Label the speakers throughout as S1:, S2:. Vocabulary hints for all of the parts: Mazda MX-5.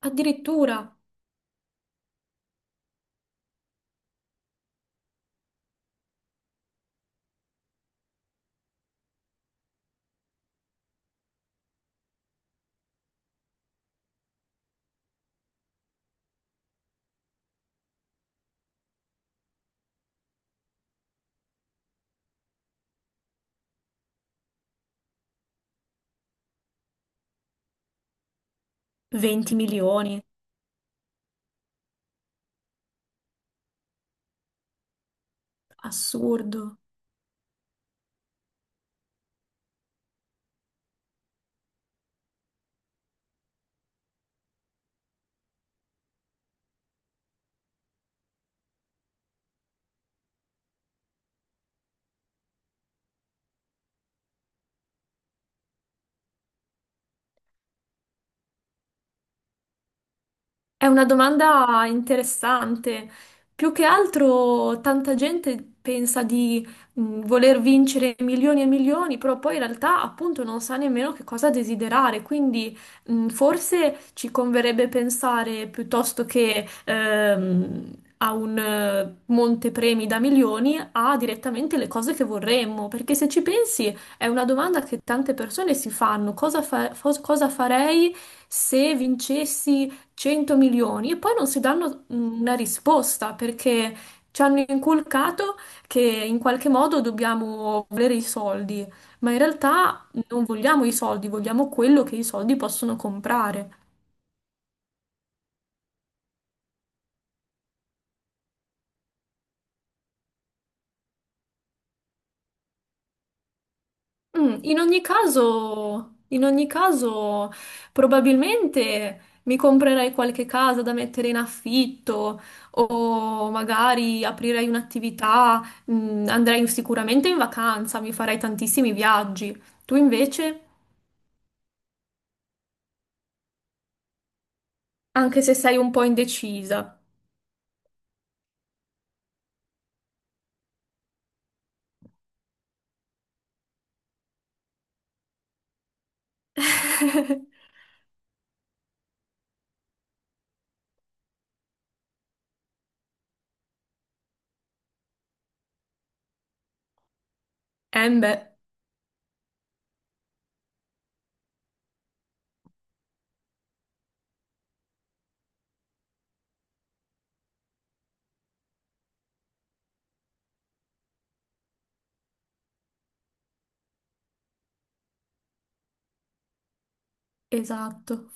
S1: Addirittura 20 milioni, assurdo. È una domanda interessante. Più che altro, tanta gente pensa di voler vincere milioni e milioni, però poi in realtà, appunto, non sa nemmeno che cosa desiderare. Quindi, forse ci converrebbe pensare piuttosto che a un montepremi da milioni, a direttamente le cose che vorremmo. Perché se ci pensi, è una domanda che tante persone si fanno: cosa farei se vincessi? 100 milioni e poi non si danno una risposta perché ci hanno inculcato che in qualche modo dobbiamo volere i soldi, ma in realtà non vogliamo i soldi, vogliamo quello che i soldi possono comprare. In ogni caso, in ogni caso, probabilmente mi comprerei qualche casa da mettere in affitto o magari aprirei un'attività, andrei sicuramente in vacanza, mi farei tantissimi viaggi. Tu invece, anche se sei un po' indecisa. Eh beh, esatto.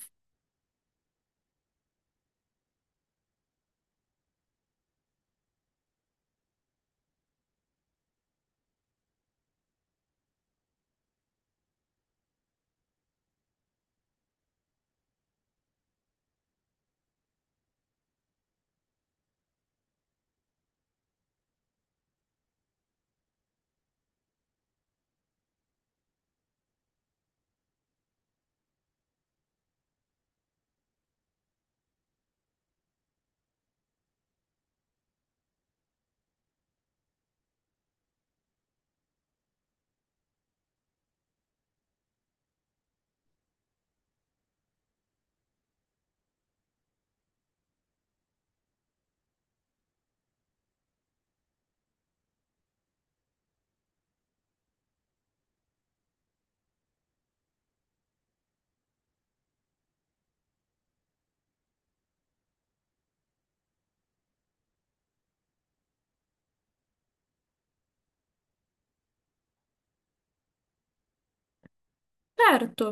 S1: Certo.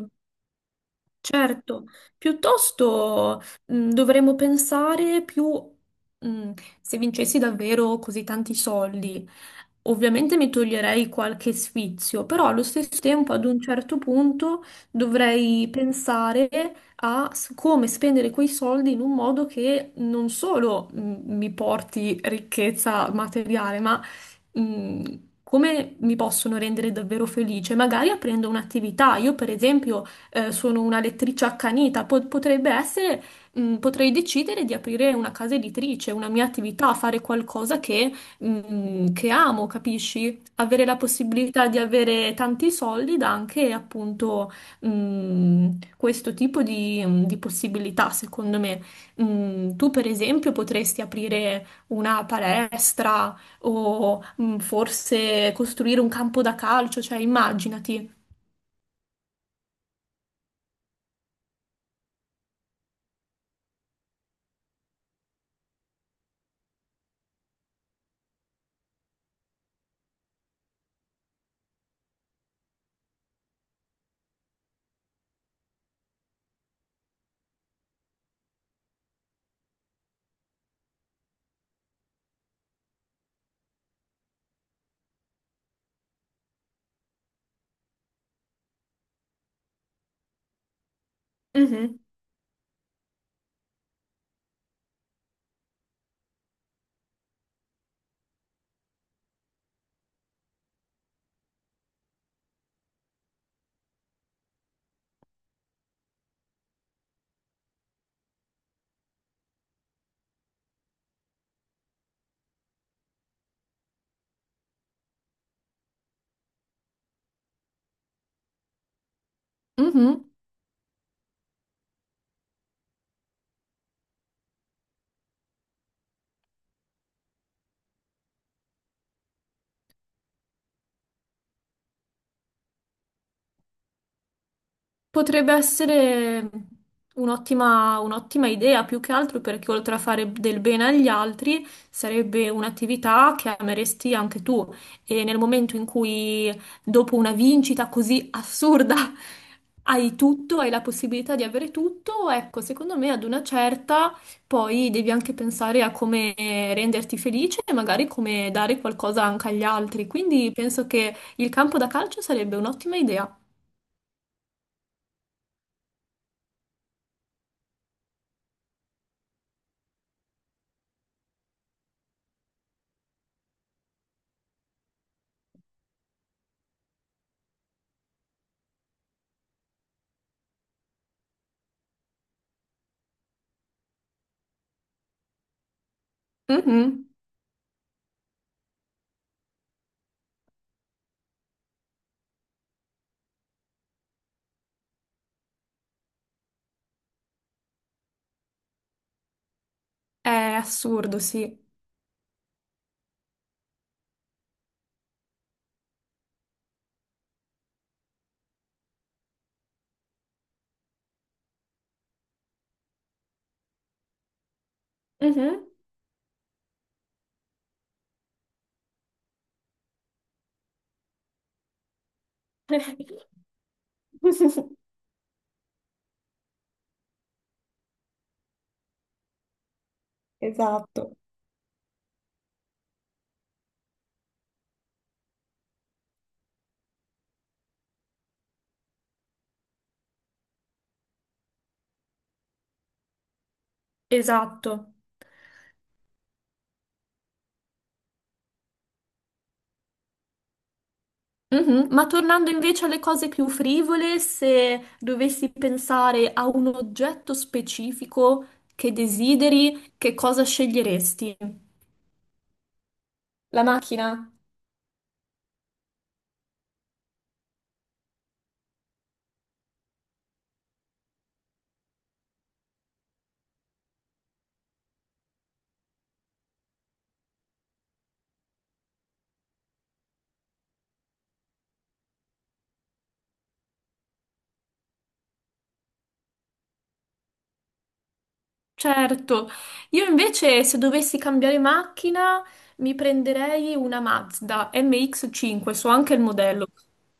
S1: Certo, piuttosto dovremmo pensare più mh, se vincessi davvero così tanti soldi. Ovviamente mi toglierei qualche sfizio, però allo stesso tempo ad un certo punto dovrei pensare a come spendere quei soldi in un modo che non solo mi porti ricchezza materiale, ma come mi possono rendere davvero felice, magari aprendo un'attività. Io, per esempio, sono una lettrice accanita, potrebbe essere, potrei decidere di aprire una casa editrice, una mia attività, fare qualcosa che amo, capisci? Avere la possibilità di avere tanti soldi dà anche appunto, mh, questo tipo di, di possibilità, secondo me. Tu, per esempio, potresti aprire una palestra o, forse costruire un campo da calcio, cioè immaginati. Mhm. Mhm. Potrebbe essere un'ottima idea, più che altro perché oltre a fare del bene agli altri, sarebbe un'attività che ameresti anche tu. E nel momento in cui, dopo una vincita così assurda, hai tutto, hai la possibilità di avere tutto, ecco, secondo me ad una certa poi devi anche pensare a come renderti felice e magari come dare qualcosa anche agli altri. Quindi penso che il campo da calcio sarebbe un'ottima idea. Mhm. È assurdo, sì. Mhm. Esatto. Esatto. Mhm. Ma tornando invece alle cose più frivole, se dovessi pensare a un oggetto specifico che desideri, che cosa sceglieresti? La macchina? Certo, io invece se dovessi cambiare macchina mi prenderei una Mazda MX-5, so anche il modello.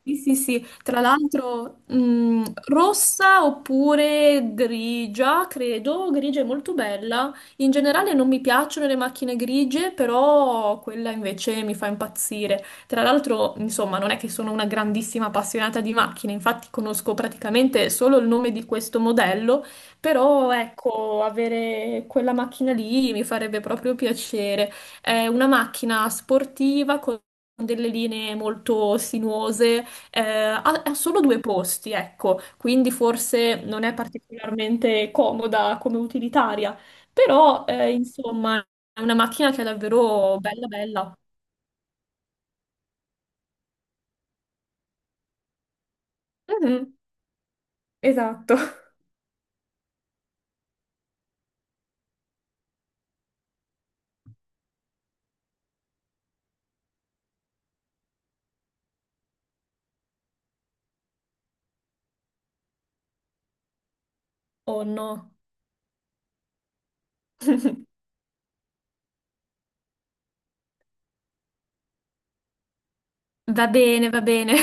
S1: Sì, sì, sì, tra l'altro rossa oppure grigia, credo, grigia è molto bella. In generale non mi piacciono le macchine grigie, però quella invece mi fa impazzire. Tra l'altro, insomma, non è che sono una grandissima appassionata di macchine, infatti conosco praticamente solo il nome di questo modello. Però ecco, avere quella macchina lì mi farebbe proprio piacere. È una macchina sportiva con delle linee molto sinuose, ha solo due posti, ecco, quindi forse non è particolarmente comoda come utilitaria, però insomma è una macchina che è davvero bella bella. Mhm, esatto. Oh no. Va bene, va bene.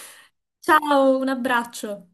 S1: Ciao, un abbraccio.